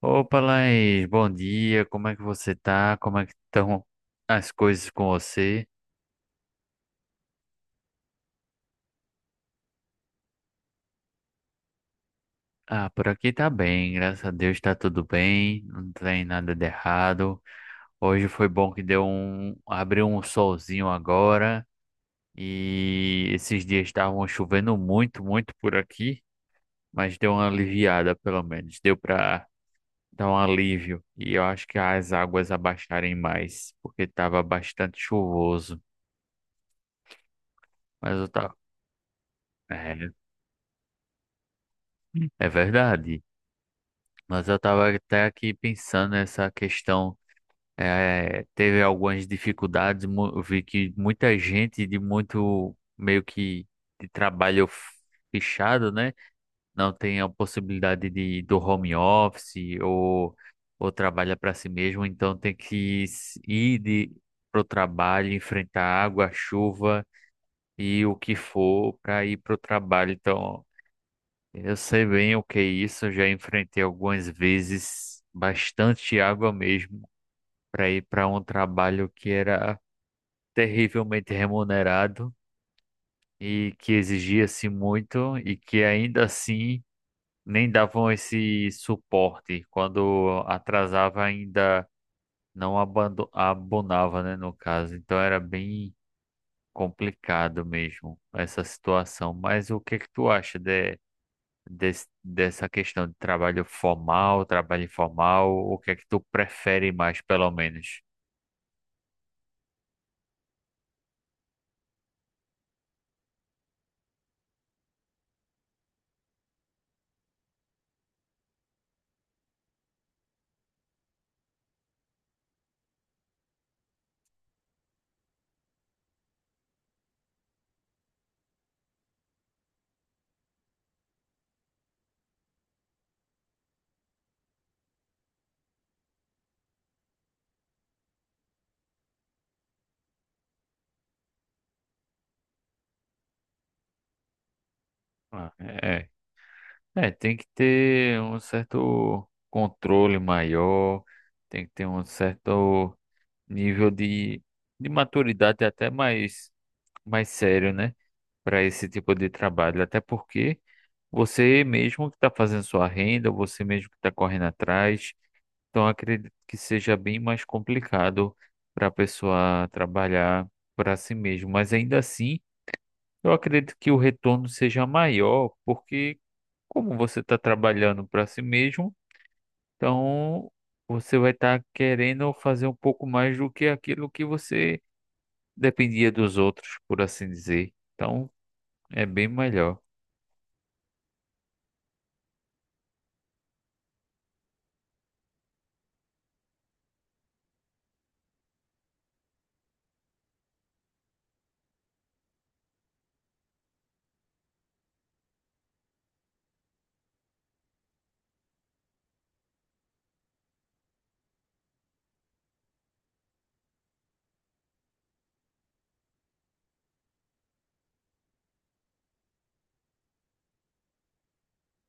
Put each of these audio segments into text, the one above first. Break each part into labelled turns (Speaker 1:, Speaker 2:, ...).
Speaker 1: Opa, Laís, bom dia. Como é que você tá? Como é que estão as coisas com você? Ah, por aqui tá bem, graças a Deus tá tudo bem, não tem nada de errado. Hoje foi bom que deu um, abriu um solzinho agora e esses dias estavam chovendo muito, muito por aqui, mas deu uma aliviada pelo menos, deu pra dar um alívio e eu acho que as águas abaixarem mais, porque tava bastante chuvoso, mas eu tava. É verdade, mas eu estava até aqui pensando nessa questão. Teve algumas dificuldades, eu vi que muita gente de muito meio que de trabalho fechado, né? Não tem a possibilidade de do home office ou trabalha para si mesmo, então tem que ir de, pro trabalho, enfrentar água, chuva e o que for para ir pro trabalho. Então eu sei bem o que é isso, eu já enfrentei algumas vezes bastante água mesmo para ir para um trabalho que era terrivelmente remunerado e que exigia-se muito e que ainda assim nem davam esse suporte. Quando atrasava ainda não abonava, né, no caso. Então era bem complicado mesmo essa situação. Mas o que que tu acha, de dessa questão de trabalho formal, trabalho informal, o que é que tu prefere mais, pelo menos? Ah, é, é, tem que ter um certo controle maior, tem que ter um certo nível de maturidade até mais, mais sério, né? Para esse tipo de trabalho, até porque você mesmo que está fazendo sua renda, você mesmo que está correndo atrás. Então, acredito que seja bem mais complicado para a pessoa trabalhar para si mesmo. Mas ainda assim, eu acredito que o retorno seja maior, porque como você está trabalhando para si mesmo, então você vai estar querendo fazer um pouco mais do que aquilo que você dependia dos outros, por assim dizer. Então, é bem melhor.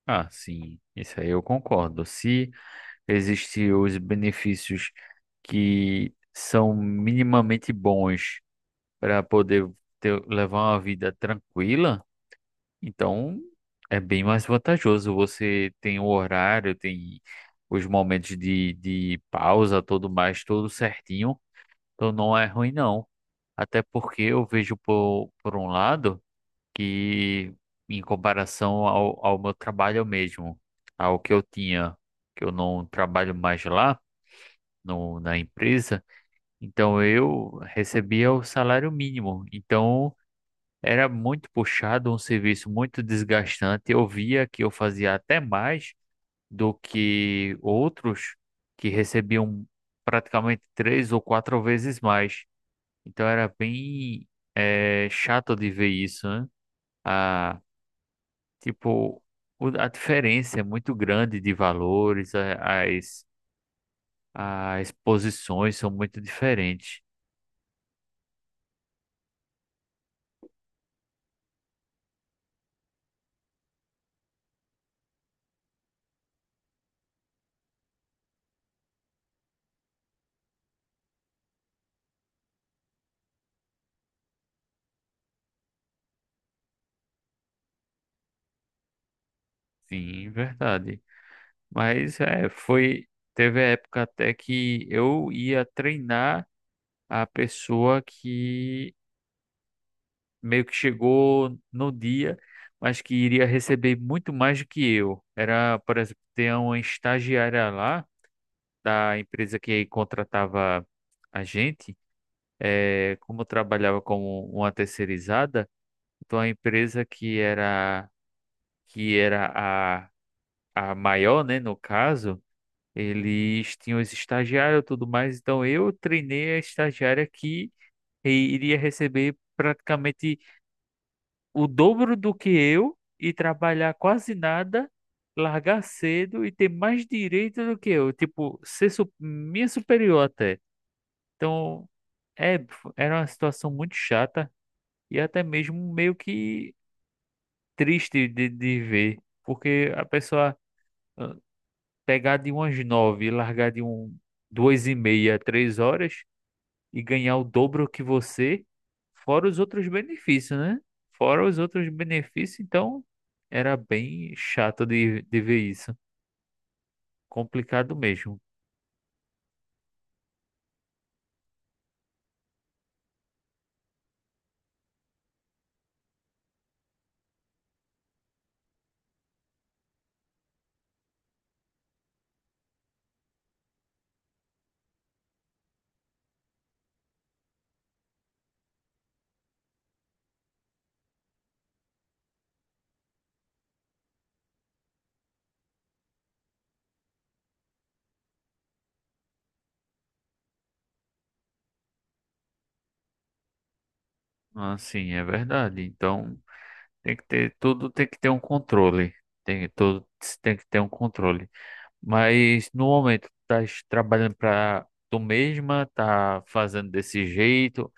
Speaker 1: Ah, sim, isso aí eu concordo. Se existem os benefícios que são minimamente bons para poder ter, levar uma vida tranquila. Então, é bem mais vantajoso. Você tem o horário, tem os momentos de pausa, tudo mais, tudo certinho. Então, não é ruim, não. Até porque eu vejo por um lado que, em comparação ao, ao meu trabalho mesmo, ao que eu tinha, que eu não trabalho mais lá no, na empresa, então eu recebia o salário mínimo. Então era muito puxado, um serviço muito desgastante. Eu via que eu fazia até mais do que outros que recebiam praticamente três ou quatro vezes mais. Então era bem chato de ver isso, né? A, tipo, a diferença é muito grande de valores, as, as posições são muito diferentes. Sim, verdade. Mas é, foi. Teve a época até que eu ia treinar a pessoa que meio que chegou no dia, mas que iria receber muito mais do que eu. Era, por exemplo, ter uma estagiária lá da empresa que contratava a gente. É, como eu trabalhava como uma terceirizada, então a empresa que era a maior, né, no caso. Eles tinham os estagiários e tudo mais, então eu treinei a estagiária que i- iria receber praticamente o dobro do que eu e trabalhar quase nada, largar cedo e ter mais direito do que eu, tipo, ser minha superior até. Então, é, era uma situação muito chata e até mesmo meio que triste de ver, porque a pessoa ah, pegar de umas nove e largar de um, duas e meia, três horas. E ganhar o dobro que você, fora os outros benefícios, né? Fora os outros benefícios, então era bem chato de ver isso. Complicado mesmo. Assim, é verdade. Então tem que ter tudo, tem que ter um controle. Tem, tudo tem que ter um controle. Mas no momento, tá trabalhando para tu mesma, tá fazendo desse jeito,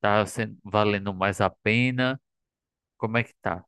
Speaker 1: tá sendo, valendo mais a pena. Como é que tá?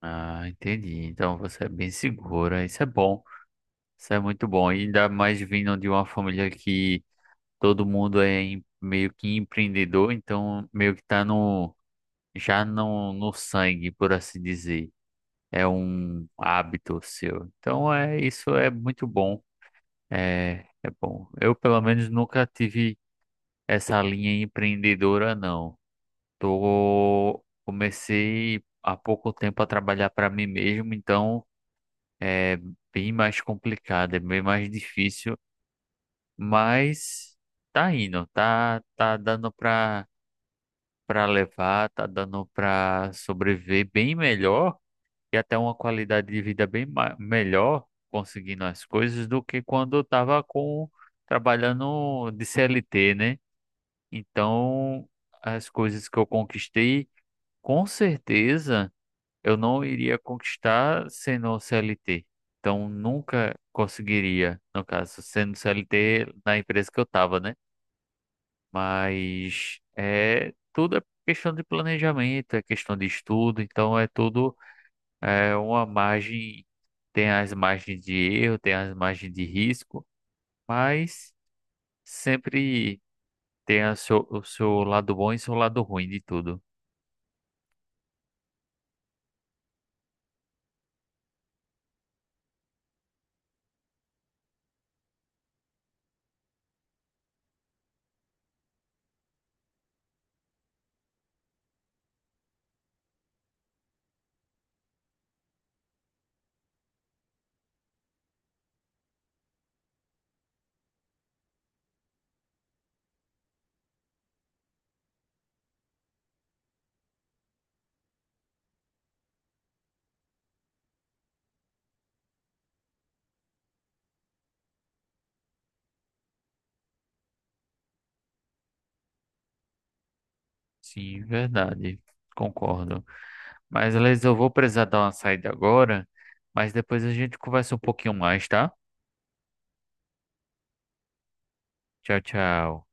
Speaker 1: Ah, entendi. Então você é bem segura. Isso é bom. Isso é muito bom. E ainda mais vindo de uma família que todo mundo é meio que empreendedor, então meio que tá no, já no, no sangue, por assim dizer. É um hábito seu. Então é isso é muito bom. É, é bom. Eu pelo menos nunca tive essa linha empreendedora, não. Tô comecei há pouco tempo a trabalhar para mim mesmo, então é bem mais complicado, é bem mais difícil, mas tá indo, tá, tá dando pra, pra levar, tá dando pra sobreviver bem melhor e até uma qualidade de vida bem melhor conseguindo as coisas do que quando eu tava com, trabalhando de CLT, né? Então, as coisas que eu conquistei, com certeza, eu não iria conquistar sendo CLT. Então, nunca conseguiria, no caso, sendo CLT na empresa que eu estava, né? Mas é tudo é questão de planejamento, é questão de estudo, então é tudo é uma margem, tem as margens de erro, tem as margens de risco, mas sempre tem a o seu lado bom e seu lado ruim de tudo. Sim, verdade. Concordo. Mas, Liz, eu vou precisar dar uma saída agora, mas depois a gente conversa um pouquinho mais, tá? Tchau, tchau.